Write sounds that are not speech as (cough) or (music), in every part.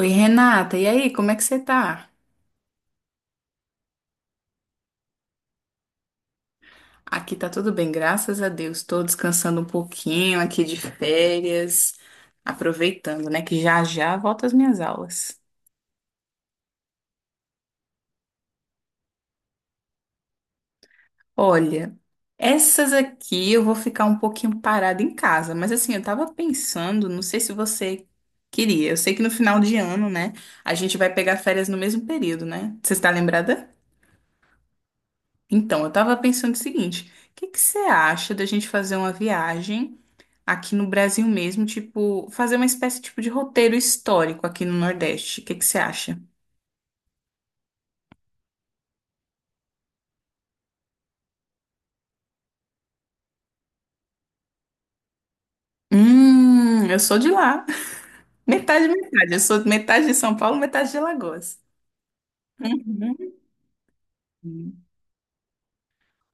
Oi, Renata, e aí, como é que você tá? Aqui tá tudo bem, graças a Deus. Tô descansando um pouquinho aqui de férias, aproveitando, né, que já já volto às minhas aulas. Olha, essas aqui eu vou ficar um pouquinho parada em casa, mas assim, eu tava pensando, não sei se você queria. Eu sei que no final de ano, né, a gente vai pegar férias no mesmo período, né? Você está lembrada? Então, eu tava pensando o seguinte: o que que você acha da gente fazer uma viagem aqui no Brasil mesmo, tipo, fazer uma espécie tipo de roteiro histórico aqui no Nordeste? O que que você acha? Eu sou de lá. (laughs) Metade, metade. Eu sou metade de São Paulo, metade de Alagoas. Uhum.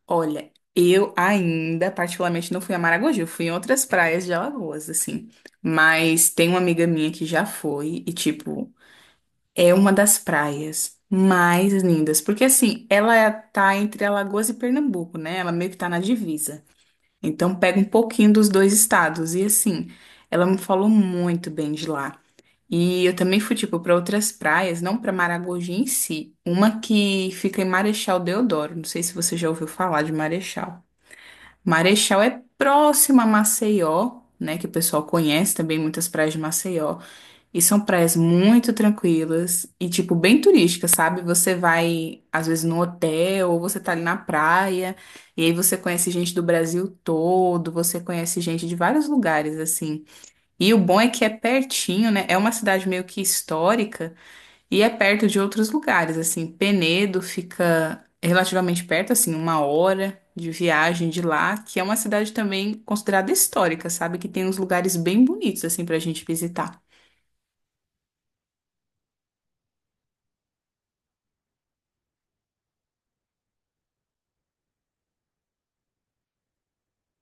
Olha, eu ainda particularmente não fui a Maragogi, eu fui em outras praias de Alagoas, assim. Mas tem uma amiga minha que já foi e, tipo, é uma das praias mais lindas. Porque, assim, ela tá entre Alagoas e Pernambuco, né? Ela meio que tá na divisa. Então pega um pouquinho dos dois estados. E assim, ela me falou muito bem de lá. E eu também fui, tipo, para outras praias, não para Maragogi em si. Uma que fica em Marechal Deodoro. Não sei se você já ouviu falar de Marechal. Marechal é próximo a Maceió, né? Que o pessoal conhece também muitas praias de Maceió. E são praias muito tranquilas e, tipo, bem turísticas, sabe? Você vai, às vezes, no hotel ou você tá ali na praia e aí você conhece gente do Brasil todo, você conhece gente de vários lugares, assim. E o bom é que é pertinho, né? É uma cidade meio que histórica e é perto de outros lugares, assim. Penedo fica relativamente perto, assim, uma hora de viagem de lá, que é uma cidade também considerada histórica, sabe? Que tem uns lugares bem bonitos, assim, pra gente visitar.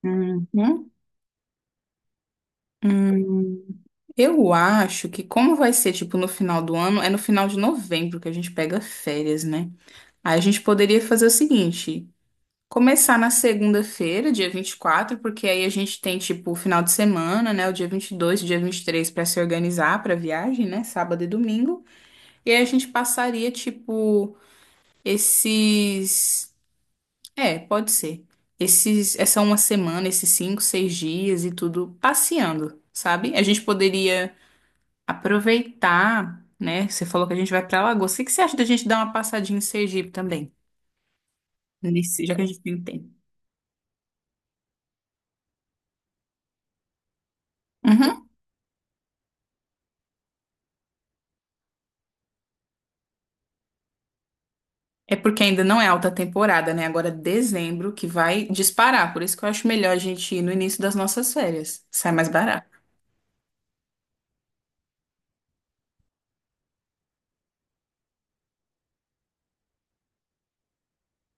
Uhum. Hum, eu acho que como vai ser, tipo, no final do ano, é no final de novembro que a gente pega férias, né? Aí a gente poderia fazer o seguinte, começar na segunda-feira, dia 24, porque aí a gente tem, tipo, o final de semana, né? O dia 22, o dia 23, para se organizar para viagem, né? Sábado e domingo. E aí a gente passaria, tipo, esses... É, pode ser. Essa uma semana, esses cinco, seis dias e tudo passeando, sabe? A gente poderia aproveitar, né? Você falou que a gente vai pra Alagoas. O que que você acha da gente dar uma passadinha em Sergipe também? Nesse, já que a gente tem tempo. Uhum. É porque ainda não é alta temporada, né? Agora é dezembro que vai disparar. Por isso que eu acho melhor a gente ir no início das nossas férias. Sai mais barato.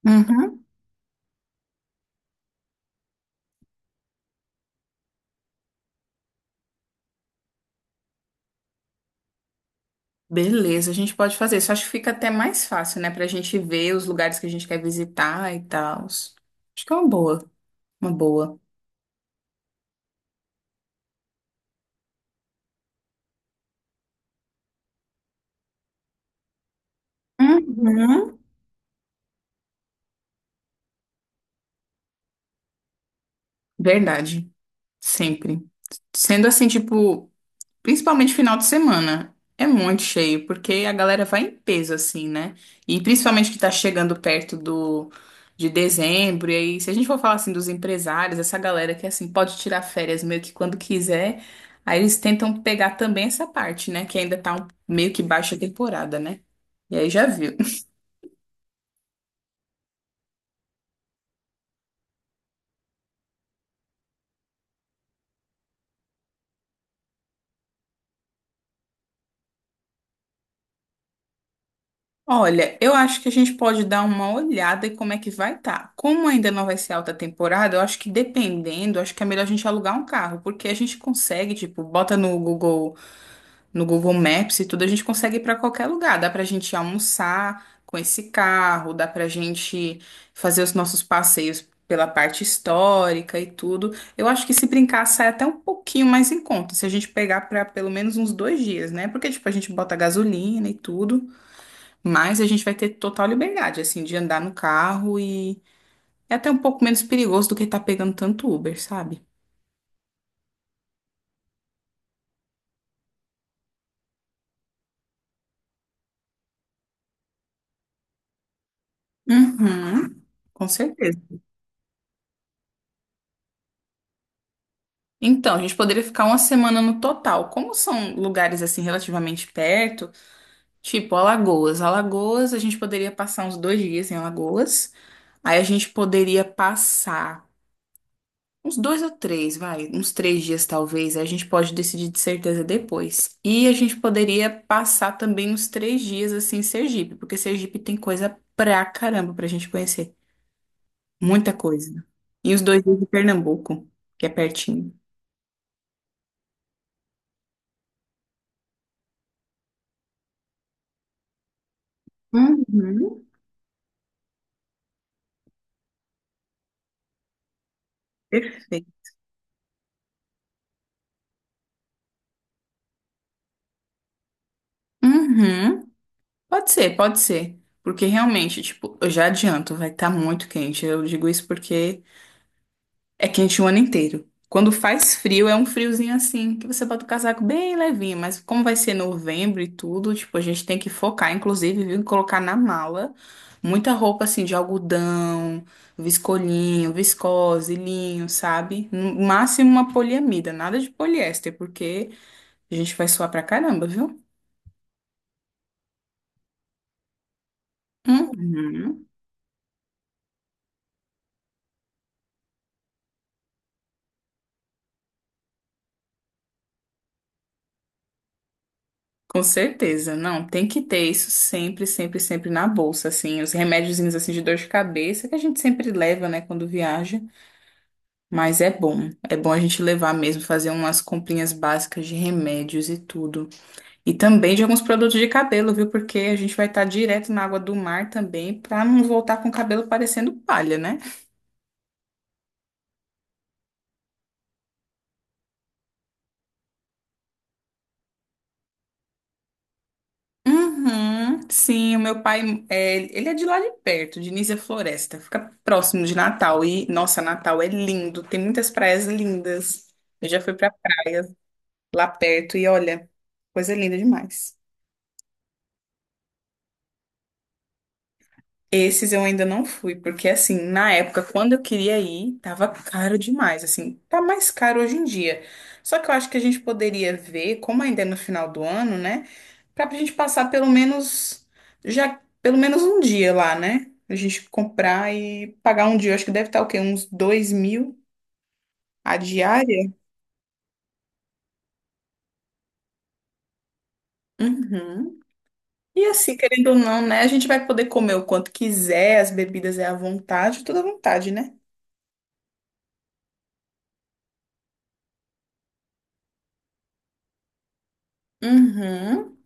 Uhum. Beleza, a gente pode fazer isso. Acho que fica até mais fácil, né? Pra gente ver os lugares que a gente quer visitar e tal. Acho que é uma boa. Uma boa. Uhum. Verdade. Sempre. Sendo assim, tipo. Principalmente final de semana. É muito cheio, porque a galera vai em peso, assim, né? E principalmente que tá chegando perto do, de dezembro. E aí, se a gente for falar assim dos empresários, essa galera que assim pode tirar férias meio que quando quiser, aí eles tentam pegar também essa parte, né? Que ainda tá meio que baixa temporada, né? E aí já viu. Olha, eu acho que a gente pode dar uma olhada em como é que vai estar. Como ainda não vai ser alta temporada, eu acho que dependendo, acho que é melhor a gente alugar um carro, porque a gente consegue, tipo, bota no Google, no Google Maps e tudo, a gente consegue ir para qualquer lugar. Dá pra gente almoçar com esse carro, dá pra gente fazer os nossos passeios pela parte histórica e tudo. Eu acho que se brincar sai até um pouquinho mais em conta, se a gente pegar para pelo menos uns dois dias, né? Porque, tipo, a gente bota gasolina e tudo. Mas a gente vai ter total liberdade, assim, de andar no carro e é até um pouco menos perigoso do que estar pegando tanto Uber, sabe? Uhum. Com certeza. Então, a gente poderia ficar uma semana no total. Como são lugares assim relativamente perto, tipo Alagoas. Alagoas, a gente poderia passar uns dois dias em Alagoas. Aí a gente poderia passar uns dois ou três, vai, uns três dias talvez. A gente pode decidir de certeza depois. E a gente poderia passar também uns três dias assim em Sergipe, porque Sergipe tem coisa pra caramba pra gente conhecer. Muita coisa. E os dois dias de Pernambuco, que é pertinho. Uhum. Perfeito. Uhum. Pode ser, pode ser. Porque realmente, tipo, eu já adianto, vai estar muito quente. Eu digo isso porque. É quente o ano inteiro. Quando faz frio, é um friozinho assim, que você bota o casaco bem levinho, mas como vai ser novembro e tudo, tipo, a gente tem que focar, inclusive, viu, em colocar na mala muita roupa assim de algodão, viscolinho, viscose, linho, sabe? No máximo uma poliamida, nada de poliéster, porque a gente vai suar pra caramba, viu? Uhum. Com certeza, não, tem que ter isso sempre, sempre, sempre na bolsa, assim, os remédiozinhos assim de dor de cabeça que a gente sempre leva, né, quando viaja, mas é bom a gente levar mesmo, fazer umas comprinhas básicas de remédios e tudo. E também de alguns produtos de cabelo, viu? Porque a gente vai estar direto na água do mar também, pra não voltar com o cabelo parecendo palha, né? Uhum, sim, o meu pai, é, ele é de lá de perto, de Nísia Floresta, fica próximo de Natal. E, nossa, Natal é lindo, tem muitas praias lindas. Eu já fui pra praia lá perto e olha, coisa linda demais. Esses eu ainda não fui, porque assim, na época, quando eu queria ir, tava caro demais, assim, tá mais caro hoje em dia. Só que eu acho que a gente poderia ver, como ainda é no final do ano, né? Pra gente passar pelo menos já pelo menos um dia lá, né? A gente comprar e pagar um dia. Eu acho que deve estar o quê? Uns dois mil a diária? Uhum. E assim, querendo ou não, né? A gente vai poder comer o quanto quiser, as bebidas é à vontade, tudo à vontade, né? Uhum.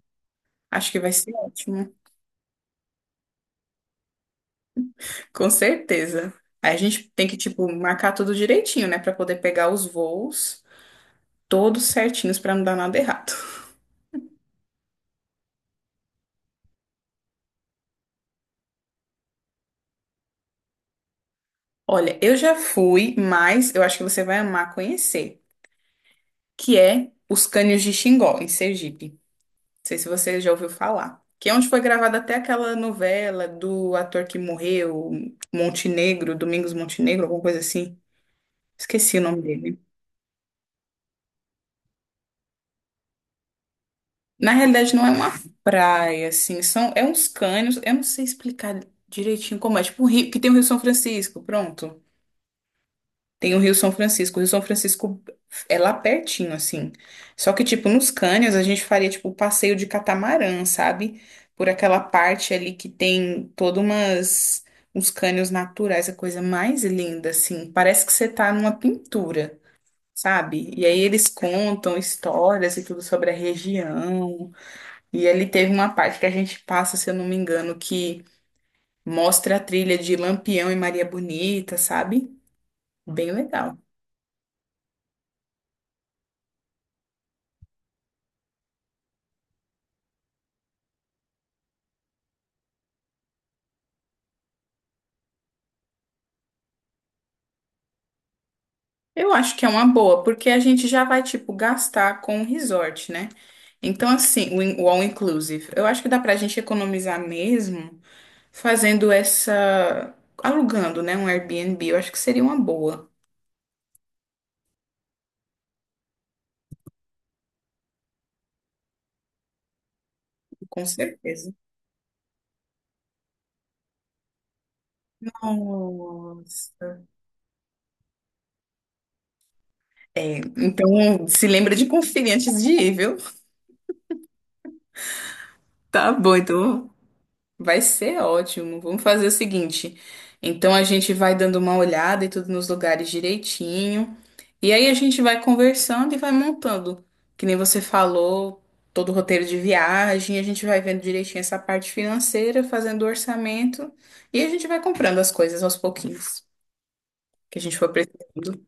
Acho que vai ser ótimo. Com certeza. Aí a gente tem que, tipo, marcar tudo direitinho, né? Pra poder pegar os voos todos certinhos pra não dar nada errado. Olha, eu já fui, mas eu acho que você vai amar conhecer, que é os Cânions de Xingó, em Sergipe. Não sei se você já ouviu falar. Que é onde foi gravada até aquela novela do ator que morreu, Montenegro, Domingos Montenegro, alguma coisa assim. Esqueci o nome dele. Na realidade, não é uma praia, assim, são, é uns cânions, eu não sei explicar direitinho como é, tipo um rio, que tem o Rio São Francisco, pronto. Tem o Rio São Francisco. O Rio São Francisco é lá pertinho, assim. Só que, tipo, nos cânions a gente faria, tipo, o passeio de catamarã, sabe? Por aquela parte ali que tem todas umas... uns cânions naturais, a coisa mais linda, assim. Parece que você tá numa pintura, sabe? E aí eles contam histórias e tudo sobre a região. E ali teve uma parte que a gente passa, se eu não me engano, que mostra a trilha de Lampião e Maria Bonita, sabe? Bem legal. Eu acho que é uma boa, porque a gente já vai, tipo, gastar com o resort, né? Então, assim, o all inclusive. Eu acho que dá pra gente economizar mesmo fazendo essa, alugando, né? Um Airbnb. Eu acho que seria uma boa, com certeza. Nossa. É, então, se lembra de conferir antes de ir, viu? Tá bom, então. Vai ser ótimo. Vamos fazer o seguinte. Então a gente vai dando uma olhada e tudo nos lugares direitinho. E aí a gente vai conversando e vai montando. Que nem você falou, todo o roteiro de viagem, a gente vai vendo direitinho essa parte financeira, fazendo o orçamento e a gente vai comprando as coisas aos pouquinhos que a gente for precisando.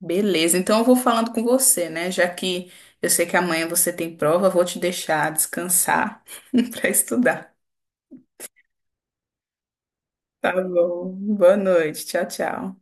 Beleza. Então eu vou falando com você, né? Já que eu sei que amanhã você tem prova, eu vou te deixar descansar (laughs) para estudar. Tá bom. Boa noite. Tchau, tchau.